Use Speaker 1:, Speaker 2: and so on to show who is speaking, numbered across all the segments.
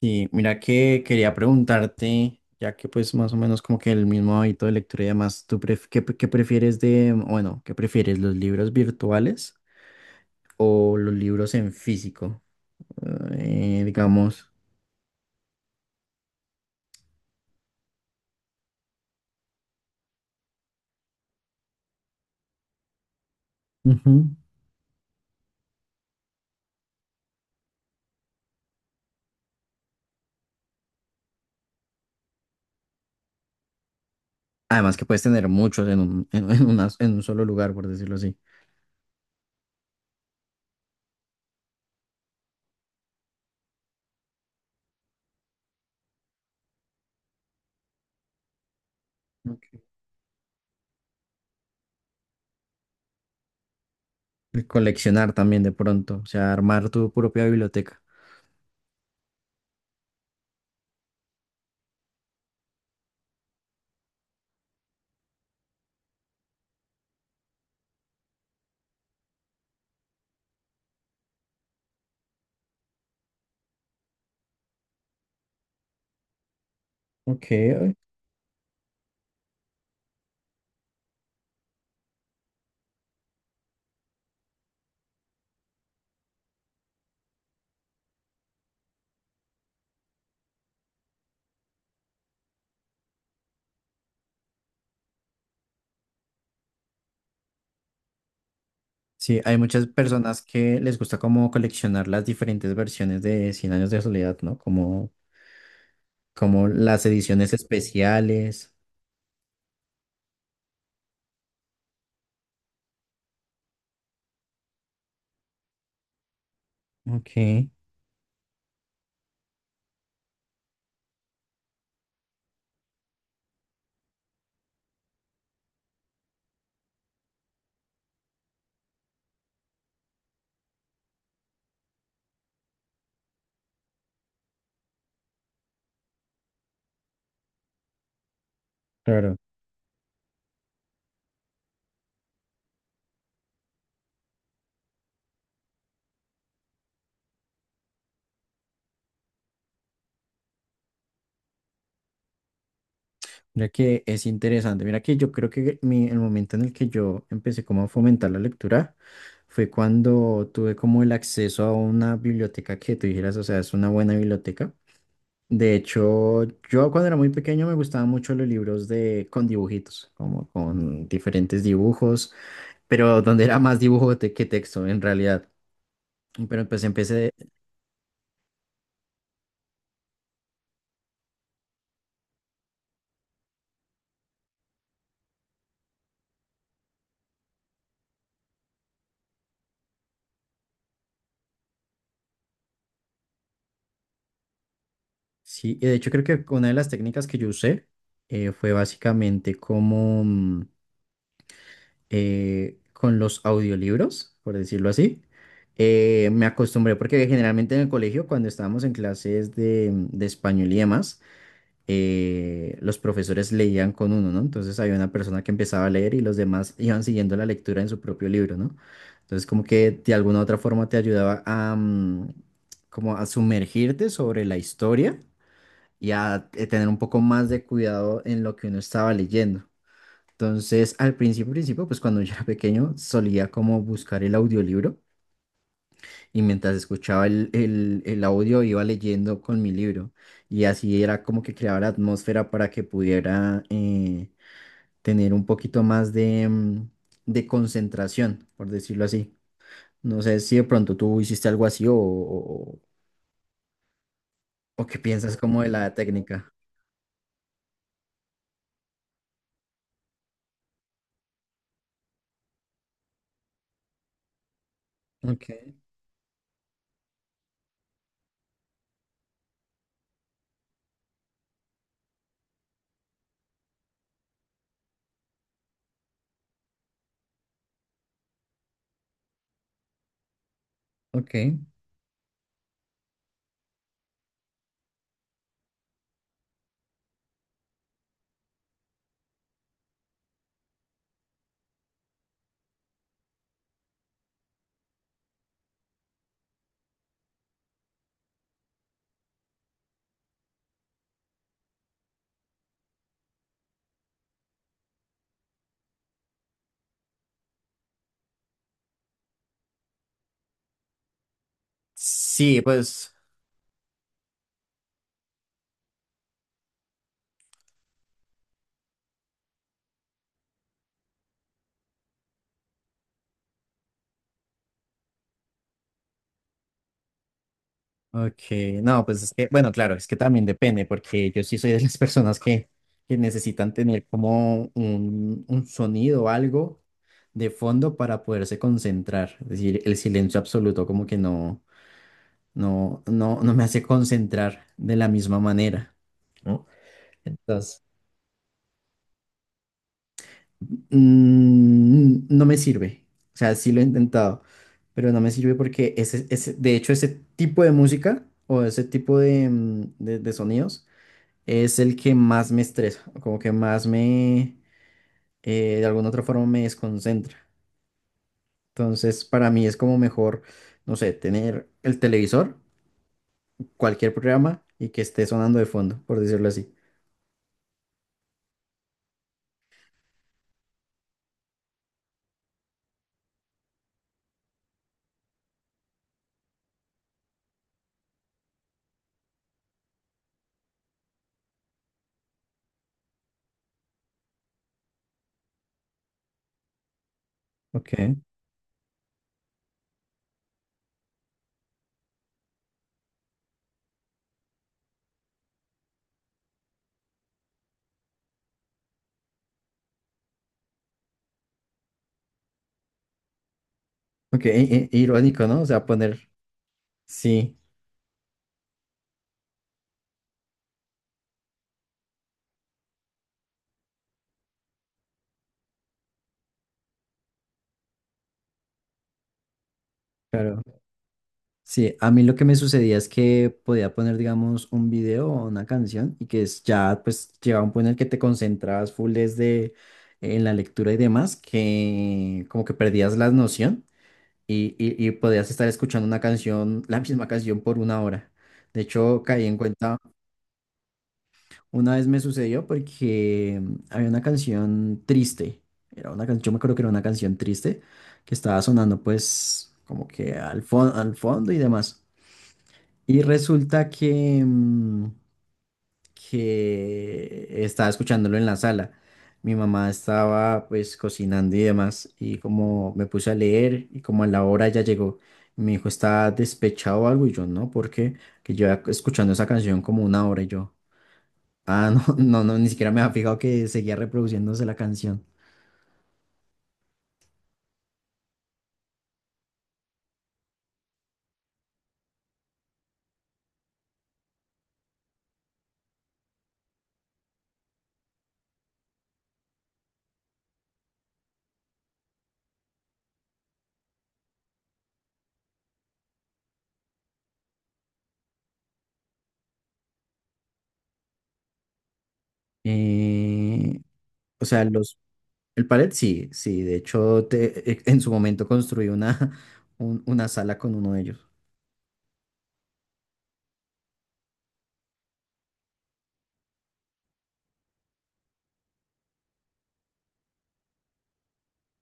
Speaker 1: Sí, mira que quería preguntarte, ya que pues más o menos como que el mismo hábito de lectura y demás, ¿tú pref- qué, qué prefieres de, bueno, qué prefieres, los libros virtuales o los libros en físico? Digamos. Ujú. Además que puedes tener muchos en un, en una- en un solo lugar, por decirlo así. Ok. Y coleccionar también de pronto, o sea, armar tu propia biblioteca. Ok. Sí, hay muchas personas que les gusta como coleccionar las diferentes versiones de Cien años de soledad, ¿no? Como las ediciones especiales. Ok, claro. Mira que es interesante. Mira que yo creo que el momento en el que yo empecé como a fomentar la lectura fue cuando tuve como el acceso a una biblioteca que tú dijeras, o sea, es una buena biblioteca. De hecho, yo cuando era muy pequeño me gustaban mucho los libros de con dibujitos, como con diferentes dibujos, pero donde era más dibujo que texto en realidad. Pero pues empecé. Sí, y de hecho creo que una de las técnicas que yo usé fue básicamente como con los audiolibros, por decirlo así. Me acostumbré porque generalmente en el colegio, cuando estábamos en clases de español y demás, los profesores leían con uno, ¿no? Entonces había una persona que empezaba a leer y los demás iban siguiendo la lectura en su propio libro, ¿no? Entonces como que de alguna u otra forma te ayudaba a, como a sumergirte sobre la historia y a tener un poco más de cuidado en lo que uno estaba leyendo. Entonces, al principio, principio, pues cuando yo era pequeño, solía como buscar el audiolibro y mientras escuchaba el audio iba leyendo con mi libro y así era como que creaba la atmósfera para que pudiera tener un poquito más de concentración, por decirlo así. No sé si de pronto tú hiciste algo así o qué piensas como de la técnica. Ok, ok. Sí, pues. Ok, no, pues es que, bueno, claro, es que también depende, porque yo sí soy de las personas que necesitan tener como un sonido o algo de fondo para poderse concentrar. Es decir, el silencio absoluto como que no, no, no, no me hace concentrar de la misma manera, ¿no? Entonces, no me sirve. O sea, sí lo he intentado, pero no me sirve porque de hecho, ese tipo de música o ese tipo de, mm, de sonidos es el que más me estresa, como que más me, de alguna otra forma me desconcentra. Entonces, para mí es como mejor, no sé, tener el televisor, cualquier programa y que esté sonando de fondo, por decirlo así. Ok, ok, irónico, ¿no? O sea, poner, sí, claro. Sí, a mí lo que me sucedía es que podía poner, digamos, un video o una canción y que es ya, pues, llegaba un punto en el que te concentrabas full desde en la lectura y demás, que como que perdías la noción y podías estar escuchando una canción, la misma canción por una hora. De hecho, caí en cuenta, una vez me sucedió porque había una canción triste, era una canción, yo me acuerdo que era una canción triste que estaba sonando pues como que al fondo y demás. Y resulta que, que estaba escuchándolo en la sala. Mi mamá estaba pues cocinando y demás y como me puse a leer y como a la hora ya llegó, mi hijo está despechado o algo y yo no, porque que yo escuchando esa canción como una hora y yo, ah, no, no, no, ni siquiera me había fijado que seguía reproduciéndose la canción. Eh, o sea, el palet sí, sí, de hecho en su momento construí una, una sala con uno de ellos.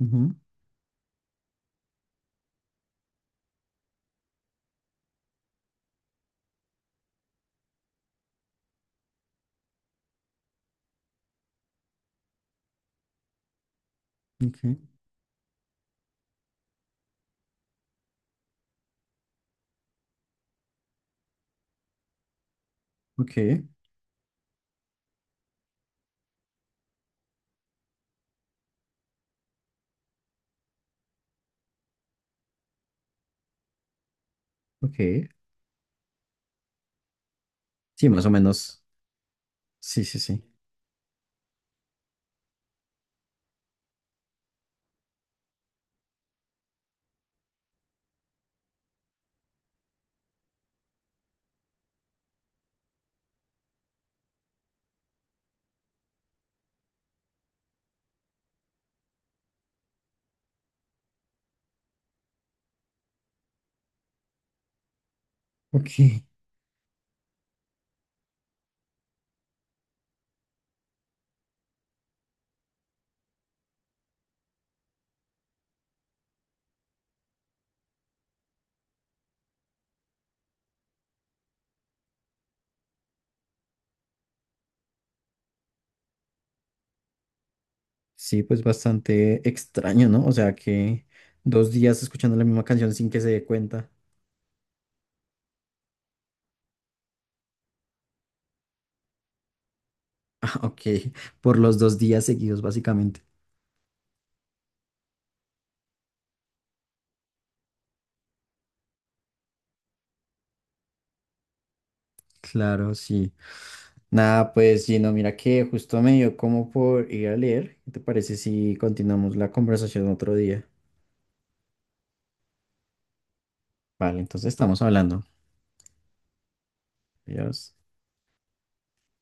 Speaker 1: Ujú, ok, ok, ok. Sí, más o menos. Sí, sí, sí. Ok. Sí, pues bastante extraño, ¿no? O sea que 2 días escuchando la misma canción sin que se dé cuenta. Ah, ok. Por los 2 días seguidos, básicamente. Claro, sí. Nada, pues Gino, mira que justo me dio como por ir a leer. ¿Qué te parece si continuamos la conversación otro día? Vale, entonces estamos hablando. Adiós.